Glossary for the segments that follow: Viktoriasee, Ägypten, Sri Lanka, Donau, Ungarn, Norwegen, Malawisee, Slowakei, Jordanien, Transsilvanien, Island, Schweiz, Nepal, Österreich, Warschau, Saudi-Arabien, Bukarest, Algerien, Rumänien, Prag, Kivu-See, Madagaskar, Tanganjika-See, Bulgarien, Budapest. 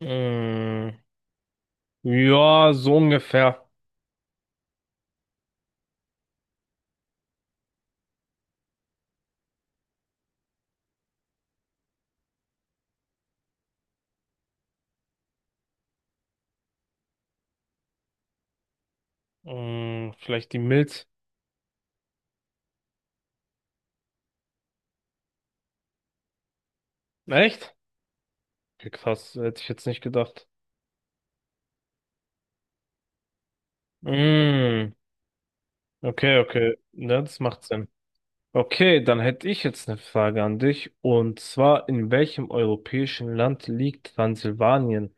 Mm, ja, so ungefähr. Vielleicht die Milz. Echt? Okay, krass, hätte ich jetzt nicht gedacht. Mm, okay, okay. Ja, das macht Sinn. Okay, dann hätte ich jetzt eine Frage an dich. Und zwar, in welchem europäischen Land liegt Transsilvanien?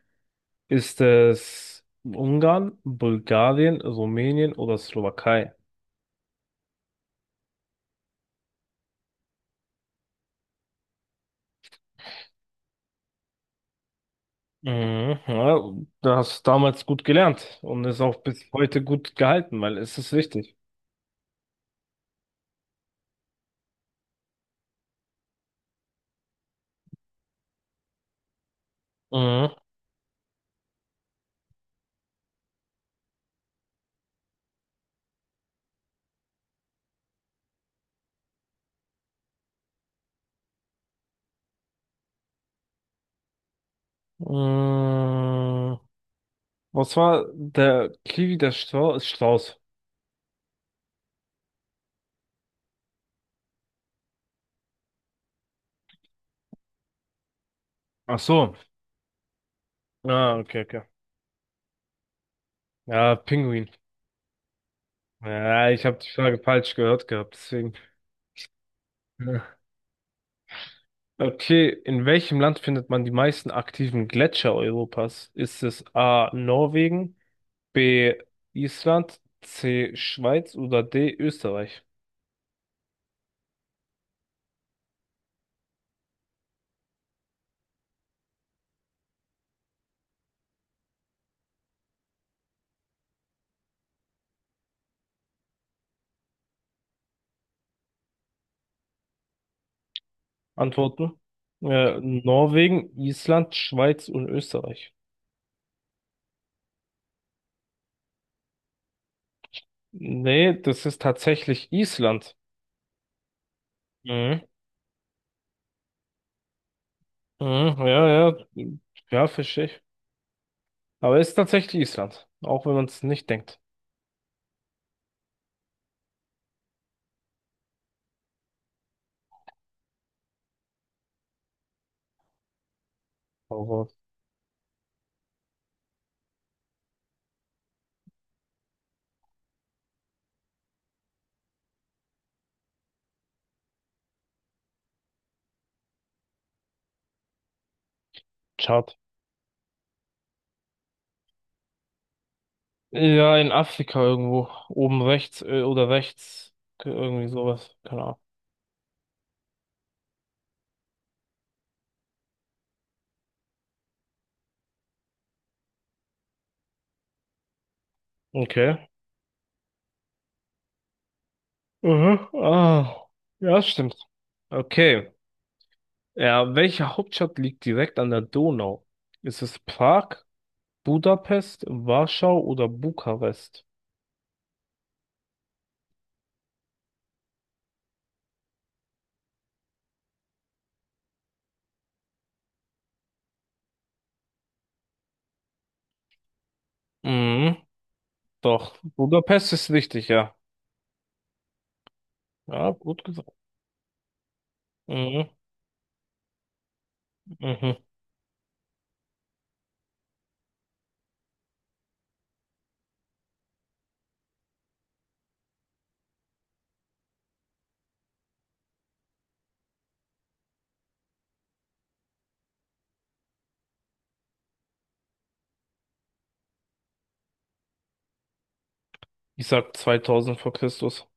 Ist es Ungarn, Bulgarien, Rumänien oder Slowakei? Mhm, ja, das hast damals gut gelernt und ist auch bis heute gut gehalten, weil es ist wichtig. Mhm. Mm, Was war der Kiwi, der Strauß? Ach so. Ah, okay, okay. Ja, Pinguin. Ja, ich habe die Frage falsch gehört gehabt, deswegen. Ja. Okay, in welchem Land findet man die meisten aktiven Gletscher Europas? Ist es A. Norwegen, B. Island, C. Schweiz oder D. Österreich? Antworten? Norwegen, Island, Schweiz und Österreich. Nee, das ist tatsächlich Island. Mhm. Mhm, ja, ja, ja, verstehe ich. Aber es ist tatsächlich Island, auch wenn man es nicht denkt. Aber schade. Ja, in Afrika irgendwo, oben rechts, oder rechts, irgendwie sowas, keine Ahnung. Okay. Mhm. Ah, ja, stimmt. Okay. Ja, welche Hauptstadt liegt direkt an der Donau? Ist es Prag, Budapest, Warschau oder Bukarest? Mhm, doch. Budapest ist richtig, ja. Ja, gut gesagt. Mhm. Mhm. Ich sag 2000 vor Christus.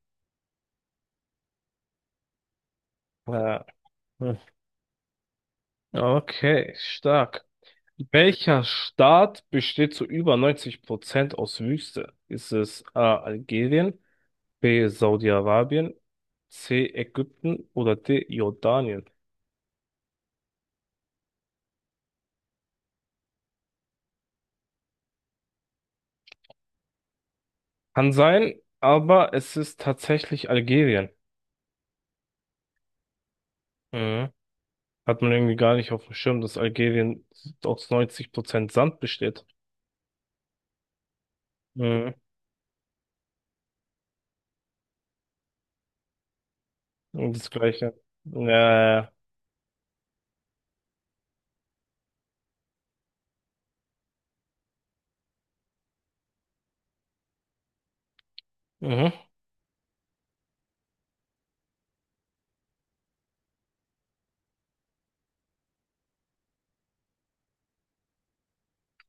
Ja. Hm. Okay, stark. Welcher Staat besteht zu über 90% aus Wüste? Ist es A. Algerien, B. Saudi-Arabien, C. Ägypten oder D. Jordanien? Kann sein, aber es ist tatsächlich Algerien. Mhm. Hat man irgendwie gar nicht auf dem Schirm, dass Algerien aus 90% Sand besteht. Mhm. Und das Gleiche. Ja, ja, ja. Mhm.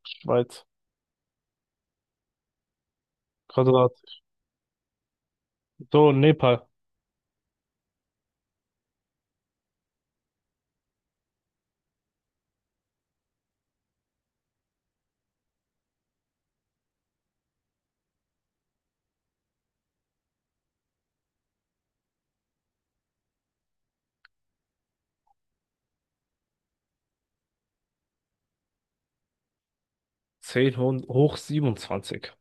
Schweiz. Quadrat. So, Nepal. 10 hoch 27.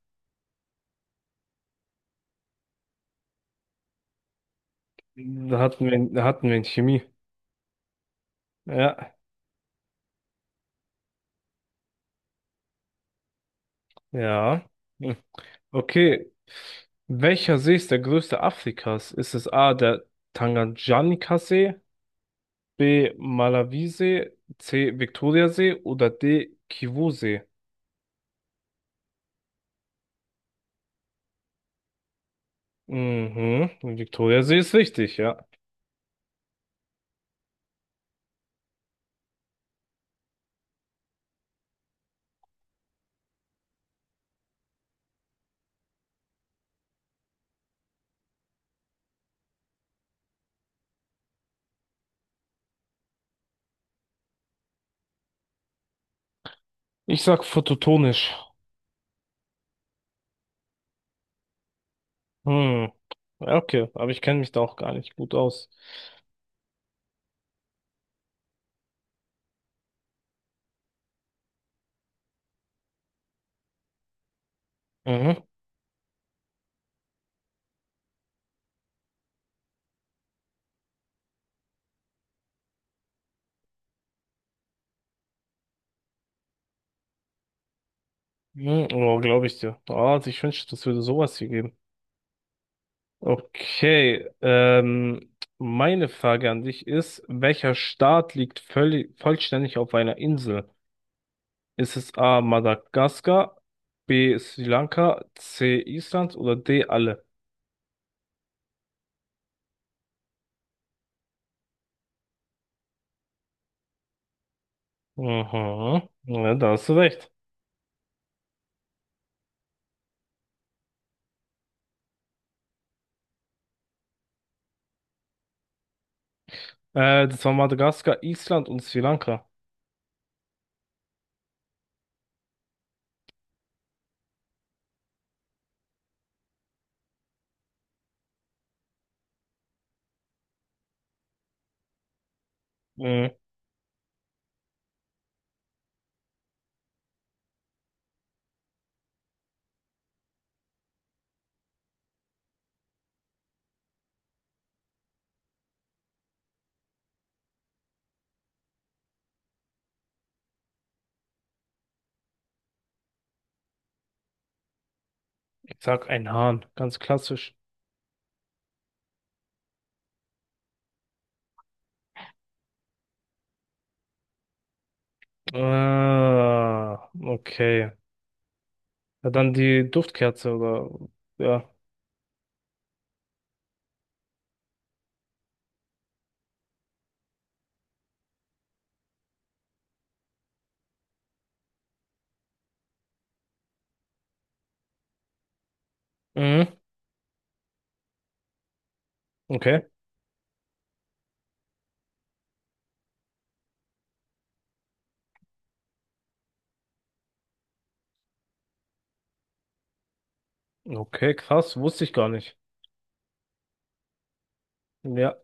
Da hatten wir in Chemie. Ja, ja. Hm. Okay. Welcher See ist der größte Afrikas? Ist es A, der Tanganjika-See, B, Malawisee, C, Viktoriasee oder D, Kivu-See? Mhm, Viktoriasee ist richtig, ja. Ich sag phototonisch. Hm, ja, okay, aber ich kenne mich da auch gar nicht gut aus. Mhm. Hm, oh, glaube ich dir. Ah, also ich wünschte, das würde sowas hier geben. Okay, meine Frage an dich ist, welcher Staat liegt vollständig auf einer Insel? Ist es A. Madagaskar, B. Sri Lanka, C. Island oder D. alle? Mhm, ja, da hast du recht. Das war Madagaskar, Island und Sri Lanka. Mhm, ich sag ein Hahn, ganz klassisch. Ah, okay. Ja, dann die Duftkerze oder... Ja. Mhm. Okay. Okay, krass, wusste ich gar nicht. Ja,